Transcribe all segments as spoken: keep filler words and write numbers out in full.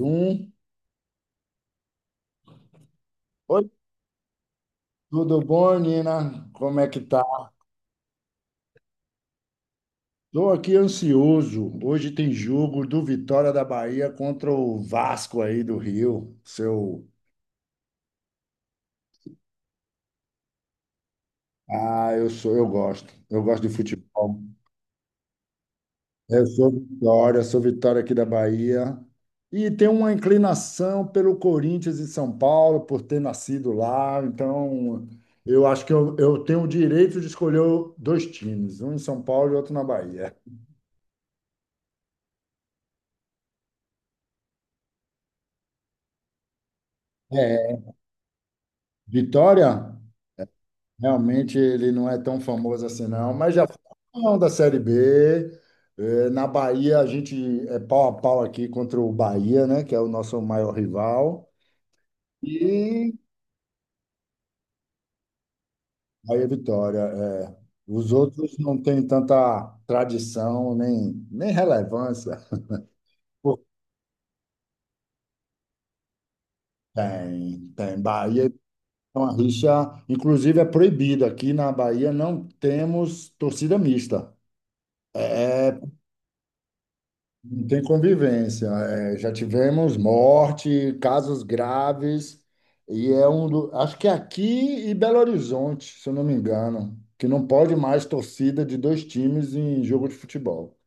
Um. Oi, tudo bom, Nina? Como é que tá? Estou aqui ansioso. Hoje tem jogo do Vitória da Bahia contra o Vasco aí do Rio. Seu. Ah, eu sou, eu gosto. Eu gosto de futebol. Eu sou Vitória, sou Vitória aqui da Bahia. E tenho uma inclinação pelo Corinthians e São Paulo, por ter nascido lá. Então, eu acho que eu, eu tenho o direito de escolher dois times, um em São Paulo e outro na Bahia. É, Vitória? Realmente ele não é tão famoso assim, não, mas já foi campeão da Série B. Eh, Na Bahia, a gente é pau a pau aqui contra o Bahia, né? Que é o nosso maior rival. E Bahia Vitória. É. Os outros não têm tanta tradição nem, nem relevância. Pô, tem, tem. Bahia é uma rixa, inclusive é proibida. Aqui na Bahia não temos torcida mista. É, não tem convivência. É, já tivemos morte, casos graves, e é um do, acho que é aqui e Belo Horizonte, se eu não me engano, que não pode mais torcida de dois times em jogo de futebol.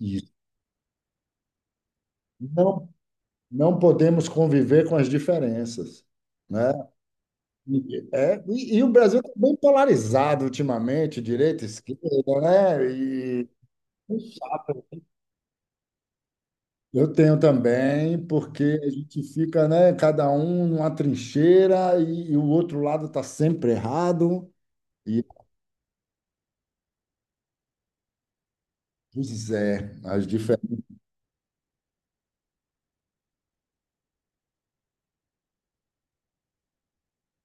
E não, não podemos conviver com as diferenças, né? E- É, e, e o Brasil está bem polarizado ultimamente, direita, esquerda, né? E eu tenho também, porque a gente fica, né, cada um numa trincheira e, e o outro lado está sempre errado. E, pois é, as diferenças.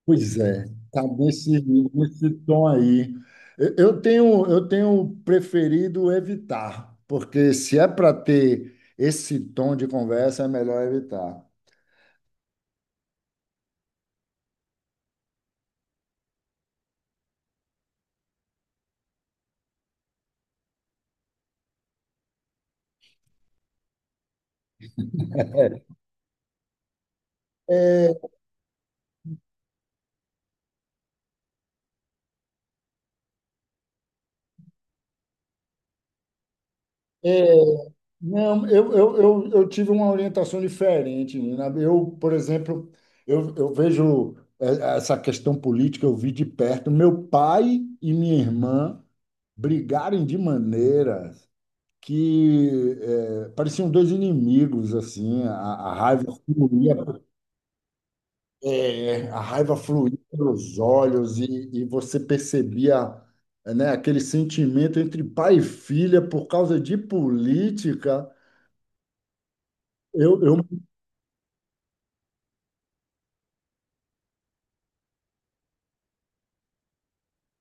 Pois é, tá nesse, nesse tom aí. Eu, eu tenho, eu tenho preferido evitar, porque se é para ter esse tom de conversa, é melhor evitar. É, é, Não, eu, eu, eu, eu tive uma orientação diferente, Nina. Eu, por exemplo, eu, eu vejo eh, essa questão política, eu vi de perto. Meu pai e minha irmã brigarem de maneira que eh, pareciam dois inimigos, assim. A, a raiva fluía, eh, a raiva fluía pelos olhos e, e você percebia, né, aquele sentimento entre pai e filha por causa de política. Eu, eu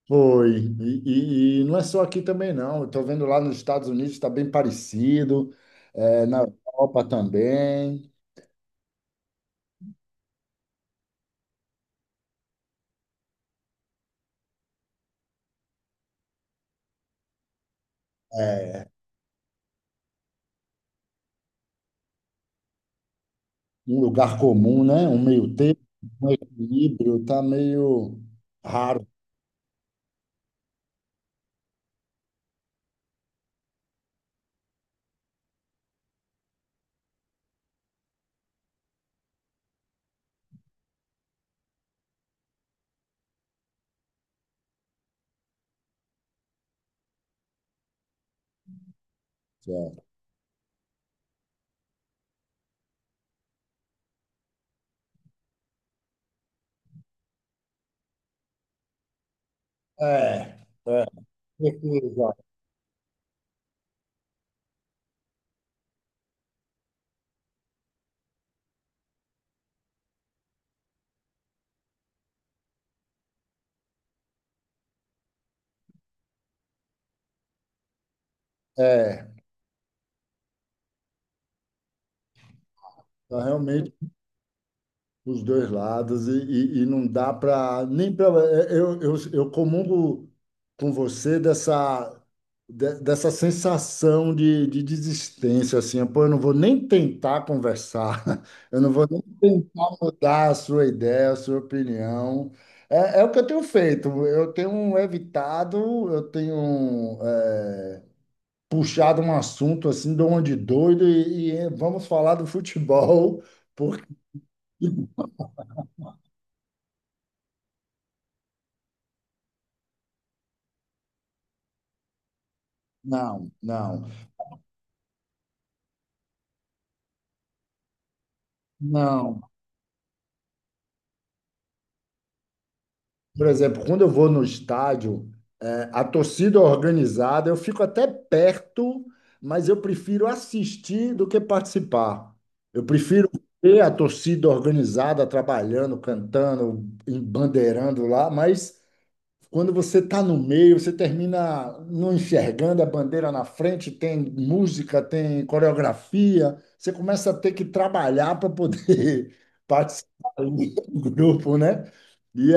Foi. E, e- e não é só aqui também, não. Eu estou vendo lá nos Estados Unidos está bem parecido, é, na Europa também. É, um lugar comum, né? Um meio-termo, um equilíbrio, está meio raro. É, é, é, certeza. É, tá realmente. Os dois lados e, e- e não dá para nem para eu, eu, eu comungo com você dessa de- dessa sensação de, de desistência assim. Pô, eu não vou nem tentar conversar. Eu não vou nem tentar mudar a sua ideia, a sua opinião. É, é o que eu tenho feito. Eu tenho evitado. Eu tenho é, puxado um assunto assim de onde doido e, e vamos falar do futebol porque não, não. Não. Por exemplo, quando eu vou no estádio, é, a torcida organizada, eu fico até perto, mas eu prefiro assistir do que participar. Eu prefiro ver a torcida organizada trabalhando, cantando, bandeirando lá, mas quando você está no meio, você termina não enxergando a bandeira na frente, tem música, tem coreografia, você começa a ter que trabalhar para poder participar do grupo, né? E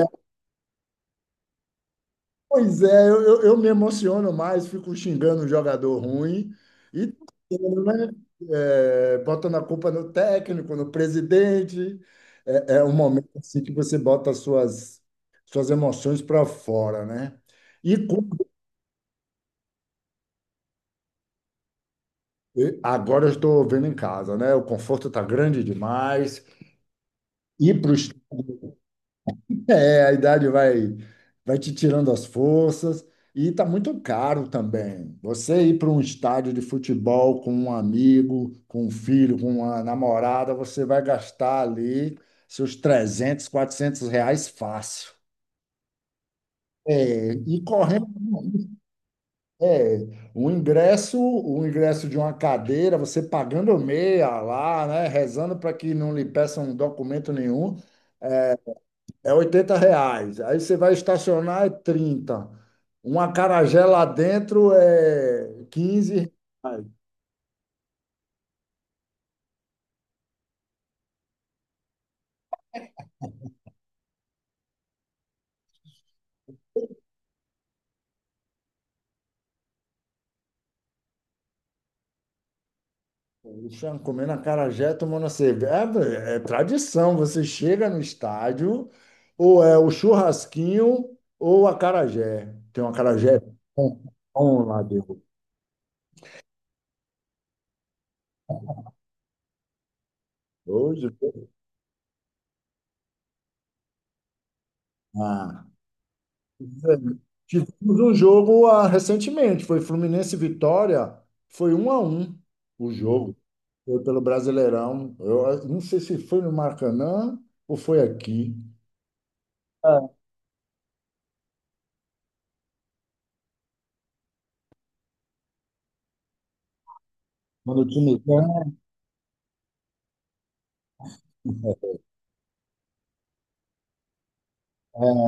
pois é, eu, eu, eu me emociono mais, fico xingando um jogador ruim e, né, é, botando a culpa no técnico, no presidente. É, é um momento assim que você bota as suas, suas emoções para fora, né? E com- e agora eu estou vendo em casa, né? O conforto está grande demais. Ir para o é, a idade vai, vai te tirando as forças e tá muito caro também. Você ir para um estádio de futebol com um amigo, com um filho, com uma namorada, você vai gastar ali seus trezentos, quatrocentos reais fácil. É, e correndo, é, o ingresso, o ingresso de uma cadeira, você pagando meia lá, né, rezando para que não lhe peçam documento nenhum. É oitenta reais. Aí você vai estacionar, é trinta. Um acarajé lá dentro é quinze reais. Poxa, comendo acarajé, tomando a cerveja. É, é tradição. Você chega no estádio, ou é o churrasquinho ou o acarajé. Tem um acarajé bom, bom lá de Hoje, ah, tivemos um jogo ah, recentemente, foi Fluminense e Vitória, foi um a um o jogo, foi pelo Brasileirão. Eu ah, não sei se foi no Maracanã ou foi aqui. É. Quando o time ganha,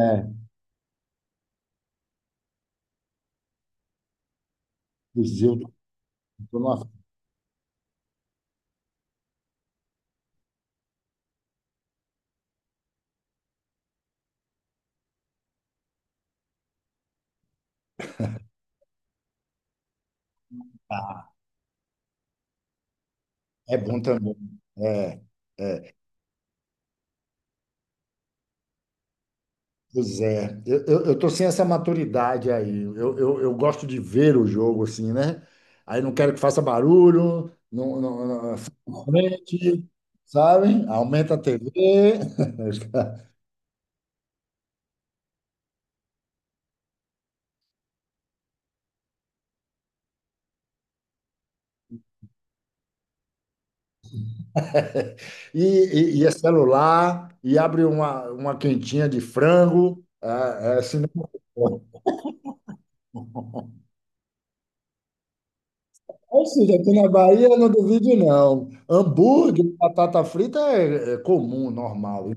é, o Zildo, eu não- é bom também. É, é. Pois é, eu, eu, eu tô sem essa maturidade aí. Eu, eu, eu gosto de ver o jogo assim, né? Aí não quero que faça barulho, não, não, não- fica na frente, sabe? Aumenta a T V, e, e, e é celular, e abre uma, uma quentinha de frango. É, é assim, né? Ou seja, aqui na Bahia eu não duvido, não. Hambúrguer, batata frita é, é comum, normal.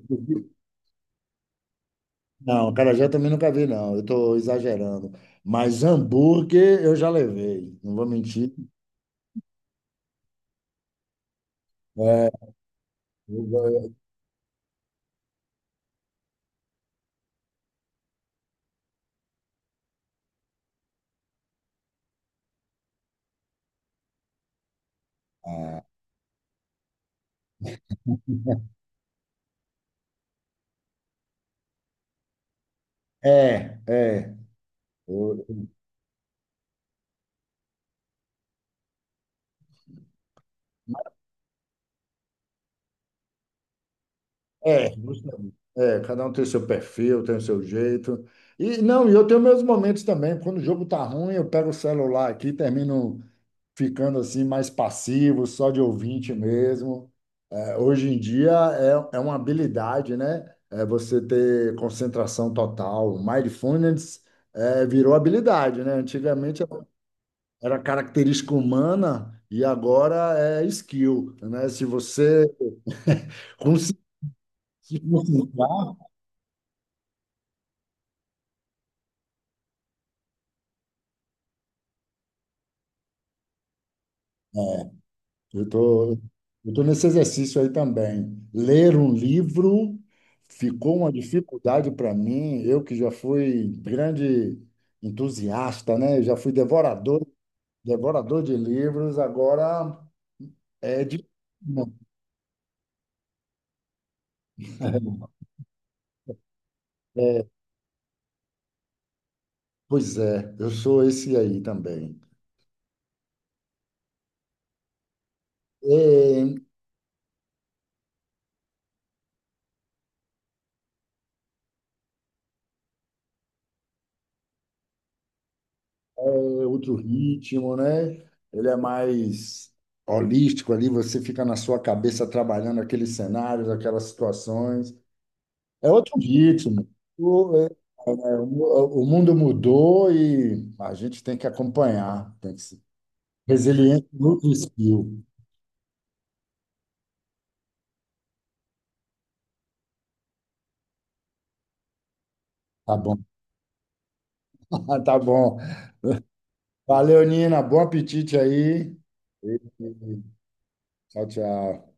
Não, acarajé eu também nunca vi, não. Eu estou exagerando. Mas hambúrguer eu já levei, não vou mentir. É, eu- ah, é, é. É. Eu- É, você- é, cada um tem seu perfil, tem o seu jeito. E não, e eu tenho meus momentos também. Quando o jogo tá ruim, eu pego o celular aqui, termino ficando assim mais passivo, só de ouvinte mesmo. É, hoje em dia é, é uma habilidade, né? É você ter concentração total. Mindfulness é, virou habilidade, né? Antigamente era característica humana e agora é skill, né? Se você conseguir se concentrar, eu tô, eu tô nesse exercício aí também. Ler um livro ficou uma dificuldade para mim. Eu que já fui grande entusiasta, né? Eu já fui devorador. Devorador de livros, agora é de. Pois é, eu sou esse aí também. É, é outro ritmo, né? Ele é mais holístico ali, você fica na sua cabeça trabalhando aqueles cenários, aquelas situações. É outro ritmo. O, é, é, o, o mundo mudou e a gente tem que acompanhar, tem que ser resiliente no skill. Tá bom, tá bom. Valeu, Nina. Bom apetite aí. E- e- Tchau, tchau.